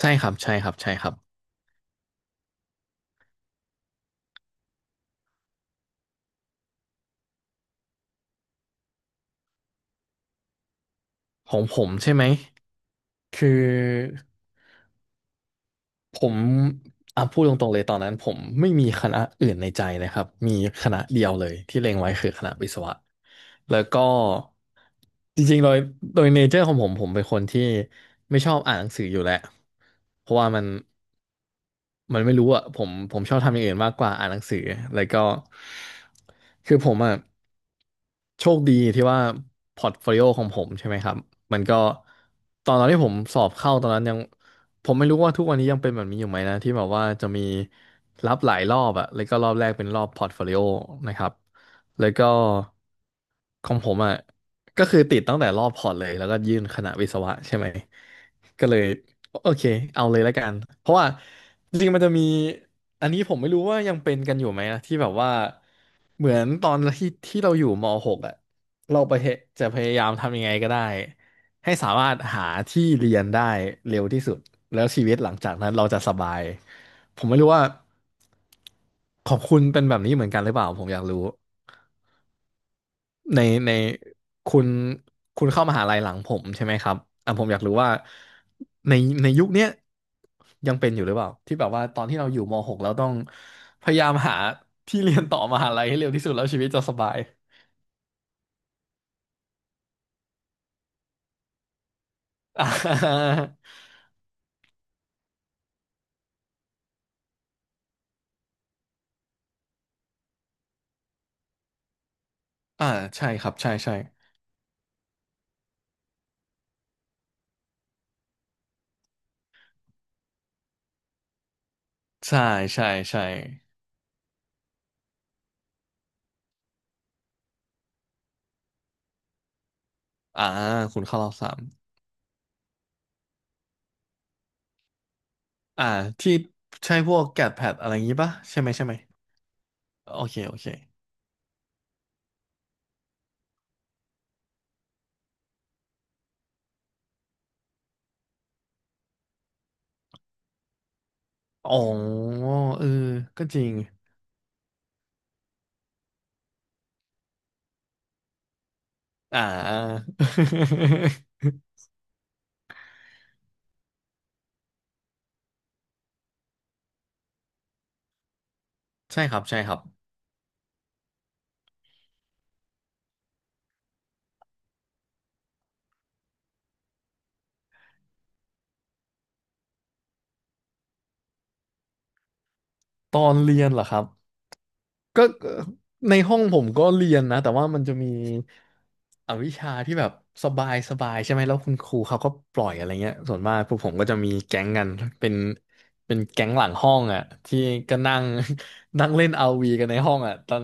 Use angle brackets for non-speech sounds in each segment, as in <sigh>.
ใช่ครับใช่ครับใช่ครับของผมใช่ไหมคือ ผมพูดตรงๆเลยตอนนั้นผมไม่มีคณะอื่นในใจเลยครับมีคณะเดียวเลยที่เล็งไว้คือคณะวิศวะแล้วก็จริงๆโดยเนเจอร์ของผมผมเป็นคนที่ไม่ชอบอ่านหนังสืออยู่แล้วเพราะว่ามันไม่รู้อะผมชอบทำอย่างอื่นมากกว่าอ่านหนังสือแล้วก็คือผมอะโชคดีที่ว่าพอร์ตโฟลิโอของผมใช่ไหมครับมันก็ตอนที่ผมสอบเข้าตอนนั้นยัง ผมไม่รู้ว่าทุกวันนี้ยังเป็นแบบนี้อยู่ไหมนะที่แบบว่าจะมีรับหลายรอบอะแล้วก็รอบแรกเป็นรอบพอร์ตโฟลิโอนะครับแล้วก็ของผมอะก็คือติดตั้งแต่รอบพอร์ตเลยแล้วก็ยื่นคณะวิศวะใช่ไหมก็เลยโอเคเอาเลยแล้วกันเพราะว่าจริงๆมันจะมีอันนี้ผมไม่รู้ว่ายังเป็นกันอยู่ไหมนะที่แบบว่า เหมือนตอนที่เราอยู่ม .6 อ่ะเราไปจะพยายามทำยังไงก็ได้ให้สามารถหาที่เรียนได้เร็วที่สุดแล้วชีวิตหลังจากนั้นเราจะสบายผมไม่รู้ว่าของคุณเป็นแบบนี้เหมือนกันหรือเปล่าผมอยากรู้ในในคุณคุณเข้ามหาลัยหลังผมใช่ไหมครับอ่ะผมอยากรู้ว่าในในยุคเนี้ยยังเป็นอยู่หรือเปล่าที่แบบว่าตอนที่เราอยู่ม .6 เราต้องพยายามหาที่เรียนต่อมหาลัยให้เร็วที่สุดแล้วชีวิตจะสบาย <laughs> อ่าอ่าใช่ครับใช่ใช่ใช่ใช่ใช่อ่าคุณเข้ารอบสามอ่าที่ใช่พวกแกดแพดอะไรอย่างงี้ปะใช่ไหมใช่ไหมโอเคโอเคอ๋อเออก็จริงอ่า <laughs> ใช่ครับใช่ครับตอนเรียนเหรอครับ ก็ในห้องผมก็เรียนนะแต่ว่ามันจะมีอวิชาที่แบบสบายสบายใช่ไหมแล้วคุณครูเขาก็ปล่อยอะไรเงี้ยส่วนมากพวกผมก็จะมีแก๊งกันเป็นเป็นแก๊งหลังห้องอ่ะที่ก็นั่ง <laughs> นั่งเล่นเอาร์วีกันในห้องอ่ะตอน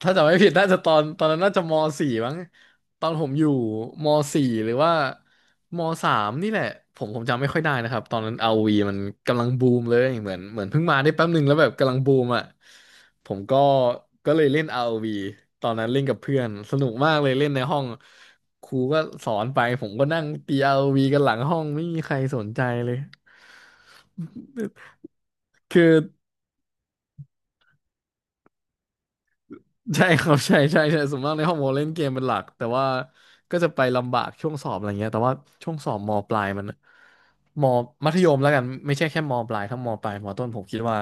ถ้าจำไม่ผิดน่าจะตอนนั้นน่าจะมสี่มั้งตอนผมอยู่มสี่หรือว่า มสามนี่แหละผมจำไม่ค่อยได้นะครับตอนนั้น ROV มันกำลังบูมเลยเหมือนเพิ่งมาได้แป๊บหนึ่งแล้วแบบกำลังบูมอ่ะผมก็ก็เลยเล่น ROV ตอนนั้นเล่นกับเพื่อนสนุกมากเลยเล่นในห้องครูก็สอนไปผมก็นั่งตี ROV กันหลังห้องไม่มีใครสนใจเลยคือ ใช่ <laughs> ครับใช่ใช่ใช่ส่วนมากในห้องมอเล่นเกมเป็นหลักแต่ว่าก็จะไปลำบากช่วงสอบอะไรเงี้ยแต่ว่าช่วงสอบมปลายมันมมัธยมแล้วกันไม่ใช่แค่มปลายทั้งมปลายมต้นผมคิดว่า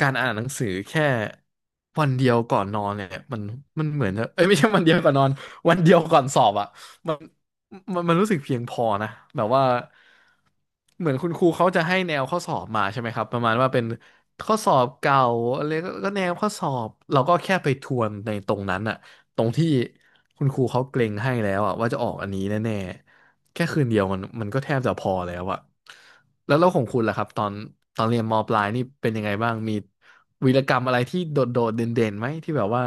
การอ่านหนังสือแค่วันเดียวก่อนนอนเนี่ยมันเหมือนจะเอ้ยไม่ใช่วันเดียวก่อนนอน <laughs> วันเดียวก่อนสอบอ่ะ มันรู้สึกเพียงพอนะแบบว่าเหมือนคุณครูเขาจะให้แนวข้อสอบมาใช่ไหมครับประมาณว่าเป็นข้อสอบเก่าอะไรก็แนวข้อสอบเราก็แค่ไปทวนในตรงนั้นอะตรงที่คุณครูเขาเกรงให้แล้วอะว่าจะออกอันนี้แน่ๆแค่คืนเดียวมันก็แทบจะพอแล้วอะแล้วของคุณล่ะครับตอนเรียนมปลายนี่เป็นยังไงบ้างมีวีรกรรมอะไรที่โดดโดดเด่นๆไหมที่แบบว่า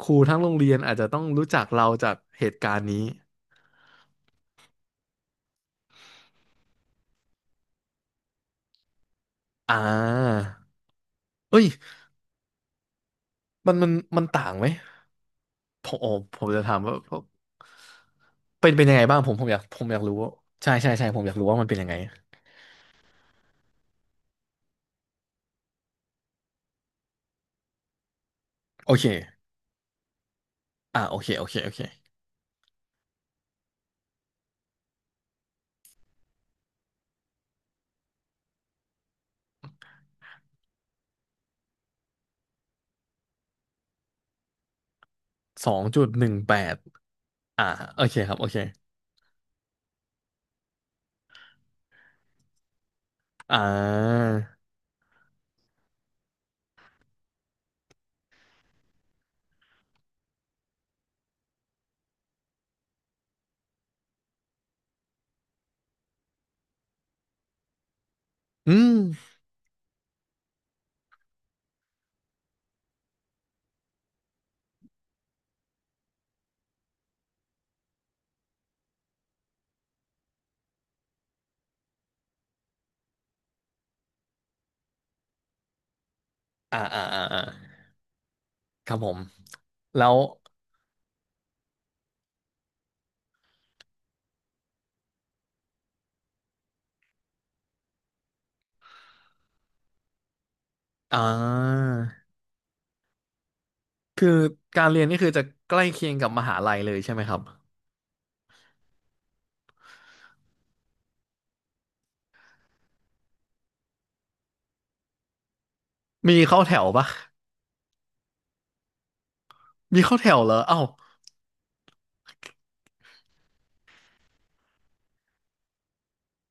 ครูทั้งโรงเรียนอาจจะต้องรู้จักเราจากเหตุการณ์นี้ อ่าเอ้ยมันมันมันต่างไหมผมอ๋อผมจะถามว่าเป็นเป็นยังไงบ้างผมผมอยากรู้ว่าใช่ใช่ใช่ผมอยากรู้ว่ามันเป็นยังไงโอเคโอเคโอเคโอเคสองจุดหนึ่งแปดอ่าโอเคครับโอเคอ่าอืมอ่าอ่าอ่าอ่าครับผมแล้วอ่าคือการเรียนนี่คือจะใกล้เคียงกับมหาลัยเลยใช่ไหมครับมีเข้าแถวปะมีเข้าแถวเหรอเอ้า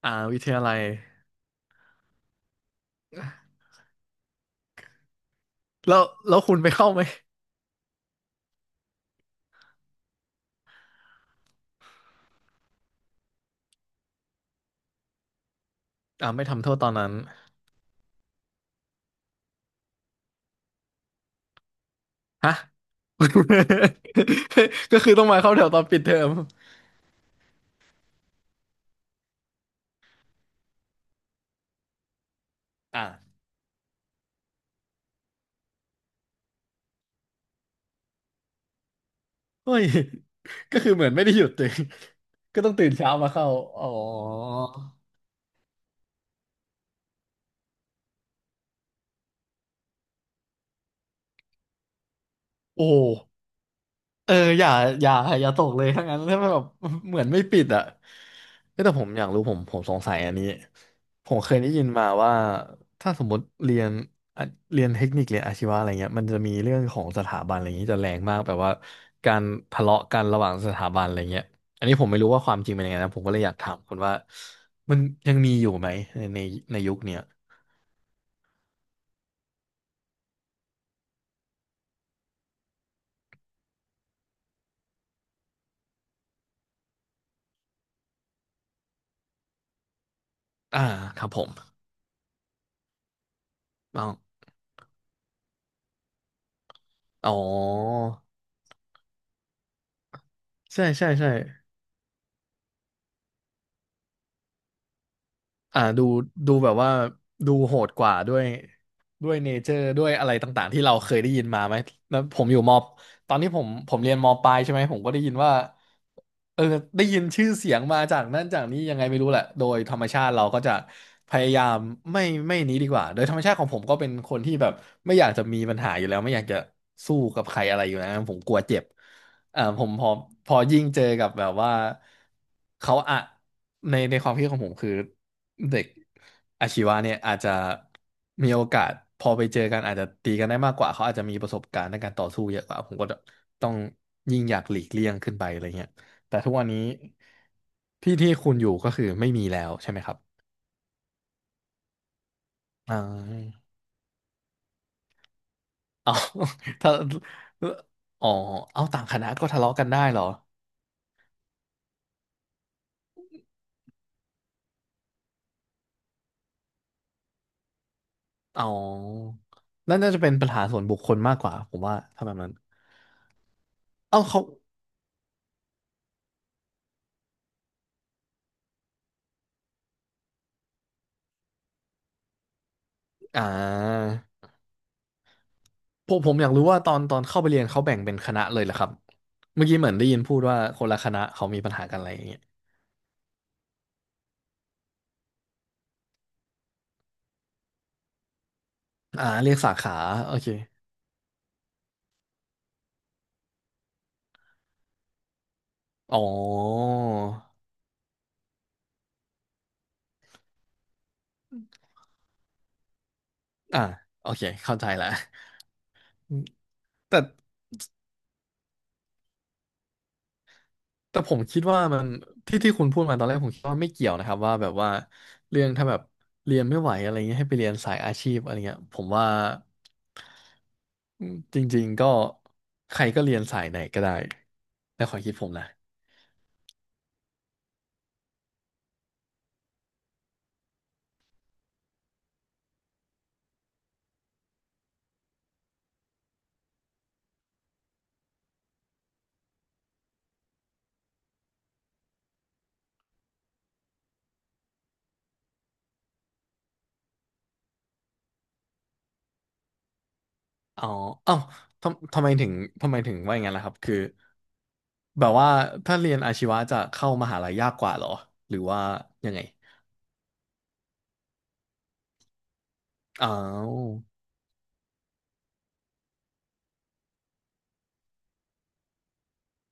วิทยาลัย แล้วคุณไปเข้าไหมไม่ทำโทษตอนนั้นฮะ <laughs> ก็คือต้องมาเข้าแถวตอนปิดเทอมอ่าเฮ้ยก็คือเหมือนไม่ได้หยุดตัเงก็ต้องตื่นเช้ามาเข้าอ๋อโอ้ เอออย่าอย่าตกเลยทั้างนั้นถ้ามันแบบ <laughs> เหมือนไม่ปิดอ่ะเอ้ยแต่ผมอยากรู้ผมสงสัยอันนี้ผมเคยได้ยินมาว่าถ้าสมมติเรียนอ่ะเรียนเทคนิคเรียนอาชีวะอะไรเงี้ยมันจะมีเรื่องของสถาบันอะไรอย่างนี้จะแรงมากแบบว่าการทะเลาะกันระหว่างสถาบันอะไรเงี้ยอันนี้ผมไม่รู้ว่าความจริงเป็นยังไงนะผมก็เลยอยากถามคุณว่ามันยังมีอยู่ไหมในในยุคเนี้ยอ่าครับผมเอาอ๋อใช่ใช่ใช่ อ่าดูดูแบบว่าดูโหดกว่าด้วยด้วยเนเจอร์ด้วยอะไรต่างๆที่เราเคยได้ยินมาไหมแล้วผมอยู่มอตอนนี้ผมเรียนมปลายใช่ไหมผมก็ได้ยินว่าเออได้ยินชื่อเสียงมาจากนั่นจากนี้ยังไงไม่รู้แหละโดยธรรมชาติเราก็จะพยายามไม่ไม่นี้ดีกว่าโดยธรรมชาติของผมก็เป็นคนที่แบบไม่อยากจะมีปัญหาอยู่แล้วไม่อยากจะสู้กับใครอะไรอยู่แล้วผมกลัวเจ็บอ่าผมพอยิ่งเจอกับแบบว่าเขาอะในความคิดของผมคือ เด็กอาชีวะเนี่ยอาจจะมีโอกาสพอไปเจอกันอาจจะตีกันได้มากกว่าเขาอาจจะมีประสบการณ์ในการต่อสู้เยอะกว่าผมก็ต้องยิ่งอยากหลีกเลี่ยงขึ้นไปอะไรเงี้ยแต่ทุกวันนี้ที่คุณอยู่ก็คือไม่มีแล้วใช่ไหมครับอ่า <laughs> เอา <laughs> ถ้าอ๋อเอาต่างคณะก็ทะเลาะกันได้เหรออ๋อนั่นน่าจะเป็นปัญหาส่วนบุคคลมากกว่าผมว่าถ้าแบบนั้นเอาเขาอ่า ผมอยากรู้ว่าตอนเข้าไปเรียนเขาแบ่งเป็นคณะเลยเหรอครับเมื่อกี้เหมือนได้ยินพูดว่าคนละคณะเขามีปัญหากันอะไรอย่างเงี้ยอ่าเรียกสาขาโอเคอ๋ออ่าโอเคเข้าใจละอืมแต่แต่ผมคิดว่ามันที่คุณพูดมาตอนแรกผมคิดว่าไม่เกี่ยวนะครับว่าแบบว่าเรื่องถ้าแบบเรียนไม่ไหวอะไรเงี้ยให้ไปเรียนสายอาชีพอะไรเงี้ยผมว่าอืมจริงๆก็ใครก็เรียนสายไหนก็ได้ในความคิดผมนะ อ๋อเอ้าทำไมถึงทำไมถึงว่าอย่างนั้นล่ะครับคือแบบว่าถ้าเรียนอาชีวะจะเข้ามหาลัยยากกว่าเหรอหรือว่ายังไงอ้าว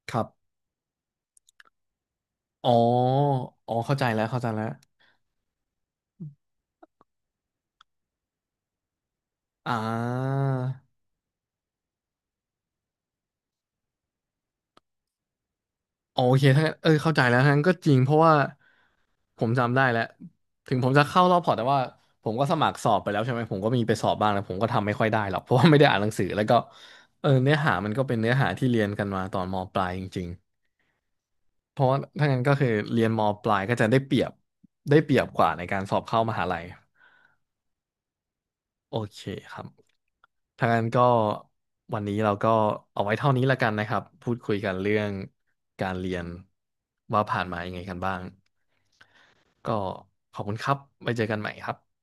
ครับอ๋ออ๋อเข้าใจแล้วเข้าใจแล้วอ่าอ๋อโอเคถ้างั้นเออเข้าใจแล้วทั้งนั้นก็จริงเพราะว่าผมจำได้แล้วถึงผมจะเข้ารอบพอร์ตแต่ว่าผมก็สมัครสอบไปแล้วใช่ไหมผมก็มีไปสอบบ้างแล้วผมก็ทำไม่ค่อยได้หรอกเพราะว่าไม่ได้อ่านหนังสือแล้วก็เออเนื้อหามันก็เป็นเนื้อหาที่เรียนกันมาตอนมปลายจริง เพราะว่าถ้างั้นก็คือเรียนมปลายก็จะได้เปรียบได้เปรียบกว่าในการสอบเข้ามหาลัยโอเคครับถ้างั้นก็วันนี้เราก็เอาไว้เท่านี้ละกันนะครับพูดคุยกันเรื่องการเรียนว่าผ่านมายังไงกันบ้างก็ขอบคุณครับไว้เจอกันใหม่ครับ